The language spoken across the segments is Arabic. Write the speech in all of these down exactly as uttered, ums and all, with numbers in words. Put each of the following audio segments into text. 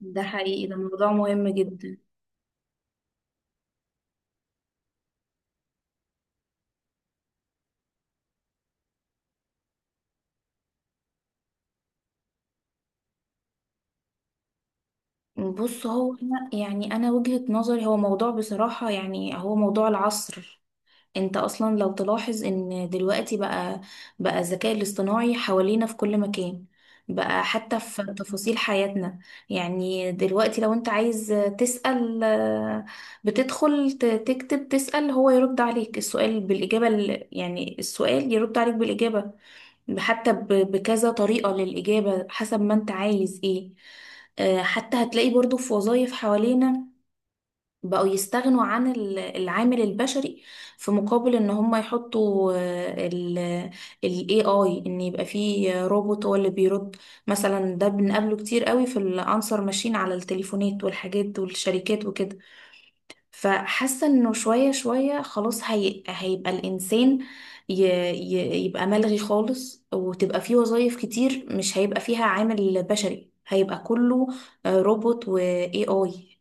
ده حقيقي، ده موضوع مهم جدا. بص هو أنا- يعني انا وجهة نظري، هو موضوع بصراحة، يعني هو موضوع العصر. انت اصلا لو تلاحظ ان دلوقتي بقى بقى الذكاء الاصطناعي حوالينا في كل مكان، بقى حتى في تفاصيل حياتنا. يعني دلوقتي لو انت عايز تسأل آه، بتدخل ت- تكتب تسأل، هو يرد عليك السؤال بالإجابة، ال- يعني السؤال يرد عليك بالإجابة، حتى ب- بكذا طريقة للإجابة حسب ما انت عايز ايه. آه، حتى هتلاقي برضو في وظائف حوالينا بقوا يستغنوا عن ال- العامل البشري، في مقابل ان هم يحطوا آه، ال ال A I، ان يبقى فيه روبوت هو اللي بيرد. مثلا ده بنقابله كتير قوي في الانسر ماشين على التليفونات والحاجات والشركات وكده. فحاسه انه شويه شويه خلاص هي هيبقى الانسان ي ي يبقى ملغي خالص، وتبقى فيه وظايف كتير مش هيبقى فيها عامل بشري، هيبقى كله آه، روبوت و إي آي.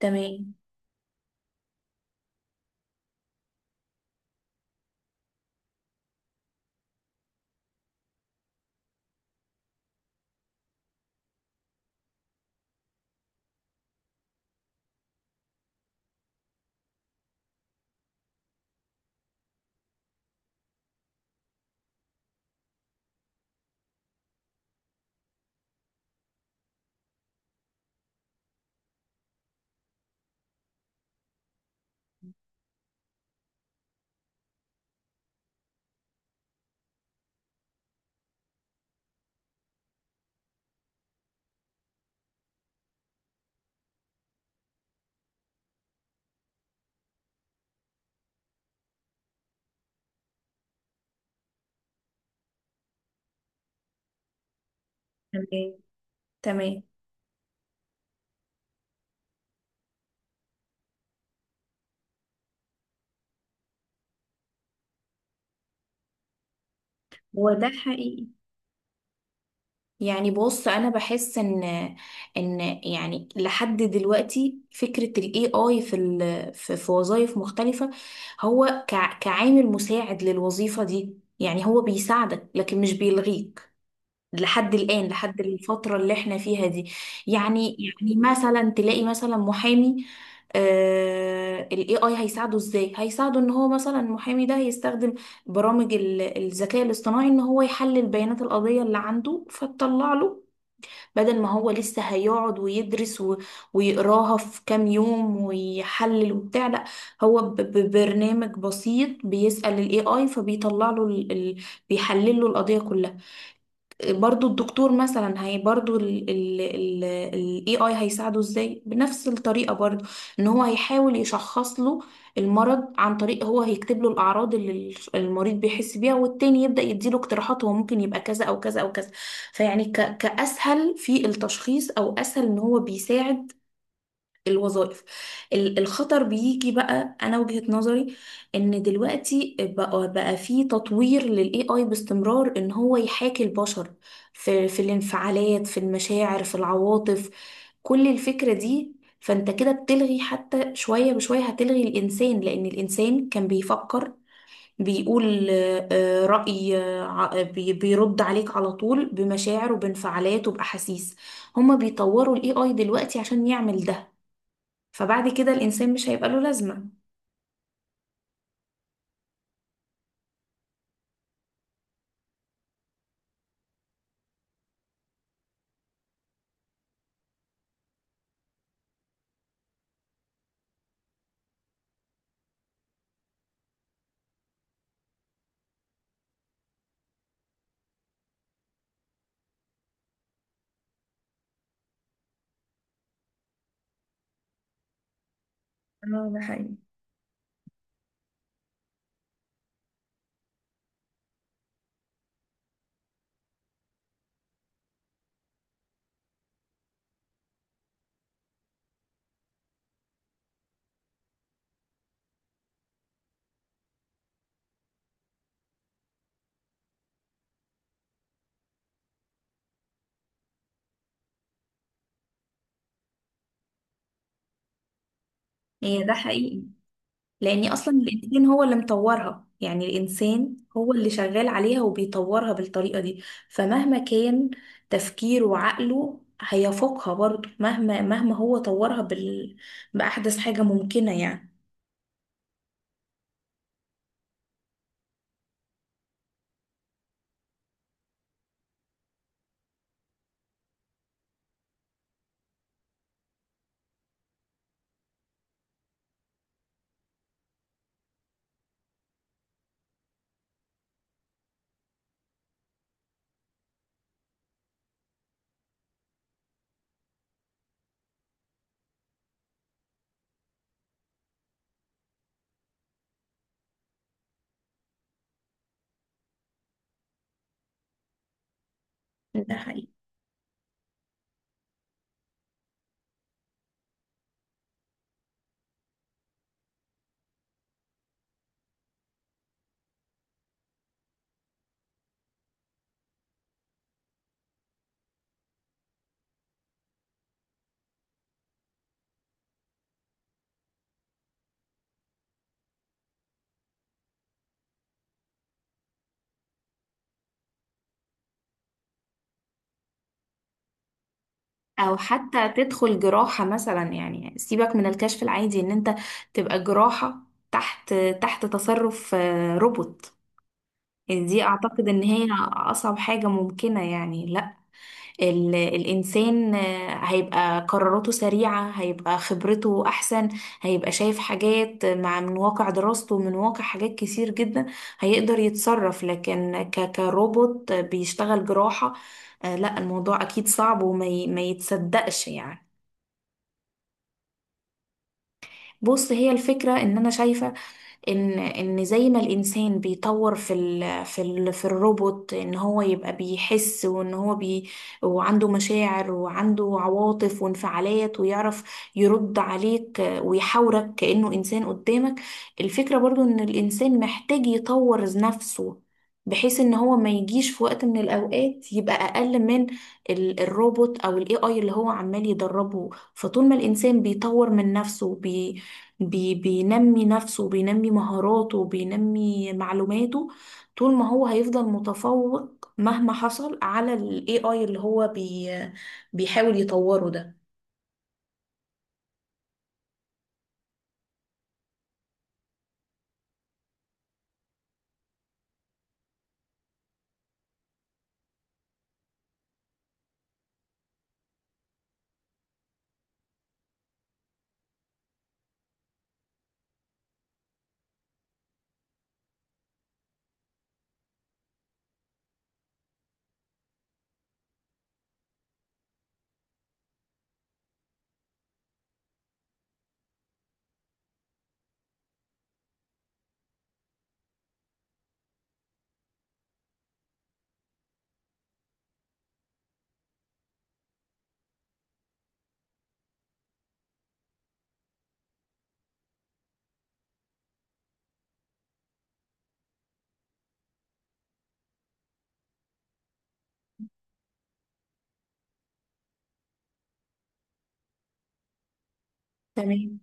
تمام. تمام. تمام. هو ده حقيقي. يعني بص، انا بحس ان ان يعني لحد دلوقتي فكره الاي اي في ال في, في وظائف مختلفه، هو كع- كعامل مساعد للوظيفه دي، يعني هو بيساعدك لكن مش بيلغيك لحد الآن، لحد الفترة اللي احنا فيها دي. يعني يعني مثلا تلاقي مثلا محامي، آه ال إي آي هيساعده ازاي؟ هيساعده ان هو مثلا المحامي ده هيستخدم برامج ال- الذكاء الاصطناعي، ان هو يحلل بيانات القضية اللي عنده فتطلع له. بدل ما هو لسه هيقعد ويدرس و- ويقراها في كام يوم ويحلل وبتاع، لا، هو ب- ببرنامج بسيط بيسأل ال A I فبيطلع له ال- ال- بيحلل له القضية كلها. برضو الدكتور مثلا، هي برضو ال ال ال ال A I هيساعده ازاي بنفس الطريقة برضو، ان هو هيحاول يشخص له المرض عن طريق هو هيكتب له الأعراض اللي ال- المريض بيحس بيها، والتاني يبدأ يديله اقتراحات هو ممكن يبقى كذا أو كذا أو كذا. فيعني ك كأسهل في التشخيص، أو أسهل ان هو بيساعد الوظائف. ال- الخطر بيجي بقى، انا وجهة نظري ان دلوقتي بقى بقى في تطوير للاي اي باستمرار، ان هو يحاكي البشر في في الانفعالات، في المشاعر، في العواطف، كل الفكرة دي. فانت كده بتلغي حتى، شوية بشوية هتلغي الانسان، لان الانسان كان بيفكر، بيقول آه، آه، رأي آه، ع- بي- بيرد عليك على طول بمشاعر وبانفعالات وبأحاسيس. هما بيطوروا الاي اي دلوقتي عشان يعمل ده، فبعد كده الإنسان مش هيبقى له لازمة. اه، ده حقيقي. هي ده حقيقي، لأن أصلا الإنسان هو اللي مطورها، يعني الإنسان هو اللي شغال عليها وبيطورها بالطريقة دي. فمهما كان تفكيره وعقله هيفوقها برضه، مهما مهما هو طورها بال... بأحدث حاجة ممكنة يعني. ده حقيقي. او حتى تدخل جراحة مثلا، يعني سيبك من الكشف العادي، ان انت تبقى جراحة تحت تحت تصرف آه، روبوت، يعني دي اعتقد ان هي اصعب حاجة ممكنة يعني، لا. ال الانسان آه، هيبقى قراراته سريعة، هيبقى خبرته احسن، هيبقى شايف حاجات مع من واقع دراسته، من واقع حاجات كتير جدا، هيقدر يتصرف. لكن ك كروبوت بيشتغل جراحة، آه، لا، الموضوع اكيد صعب وما ي- ما يتصدقش يعني. بص، هي الفكرة ان انا شايفة ان ان زي ما الانسان بيطور في ال في ال في الروبوت، ان هو يبقى بيحس، وان هو بي وعنده مشاعر وعنده عواطف وانفعالات، ويعرف يرد عليك ويحاورك كأنه انسان قدامك. الفكرة برضو ان الانسان محتاج يطور نفسه، بحيث ان هو ما يجيش في وقت من الاوقات يبقى اقل من ال- الروبوت او الاي اي اللي هو عمال يدربه. فطول ما الانسان بيطور من نفسه، بي بينمي نفسه وبينمي مهاراته وبينمي معلوماته، طول ما هو هيفضل متفوق مهما حصل على ال A I اللي هو بي بيحاول يطوره ده. تمام.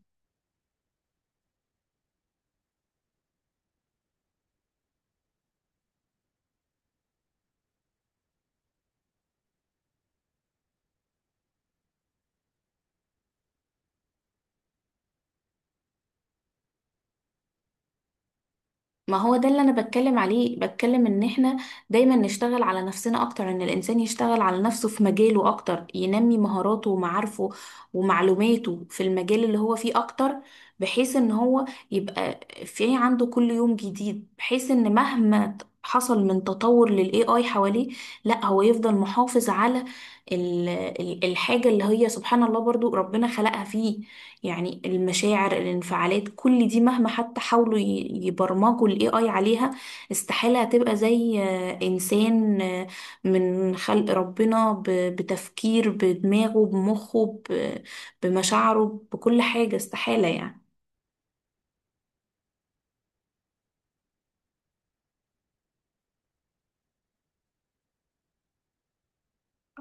ما هو ده اللي انا بتكلم عليه، بتكلم ان احنا دايما نشتغل على نفسنا اكتر، ان الانسان يشتغل على نفسه في مجاله اكتر، ينمي مهاراته ومعارفه ومعلوماته في المجال اللي هو فيه اكتر، بحيث ان هو يبقى في عنده كل يوم جديد، بحيث ان مهما حصل من تطور للاي اي حواليه، لا هو يفضل محافظ على ال- ال- الحاجة اللي هي سبحان الله برضو ربنا خلقها فيه. يعني المشاعر، الانفعالات، كل دي مهما حتى حاولوا ي- يبرمجوا الاي اي عليها، استحالة هتبقى زي آه، انسان آه، من خلق ربنا، ب- بتفكير بدماغه بمخه، ب- بمشاعره، بكل حاجة، استحالة يعني.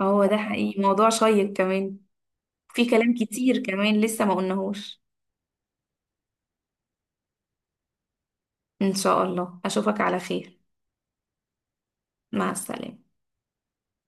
هو ده حقيقي، موضوع شيق كمان. في كلام كتير كمان لسه ما قلناهوش. ان شاء الله اشوفك على خير. مع السلامة.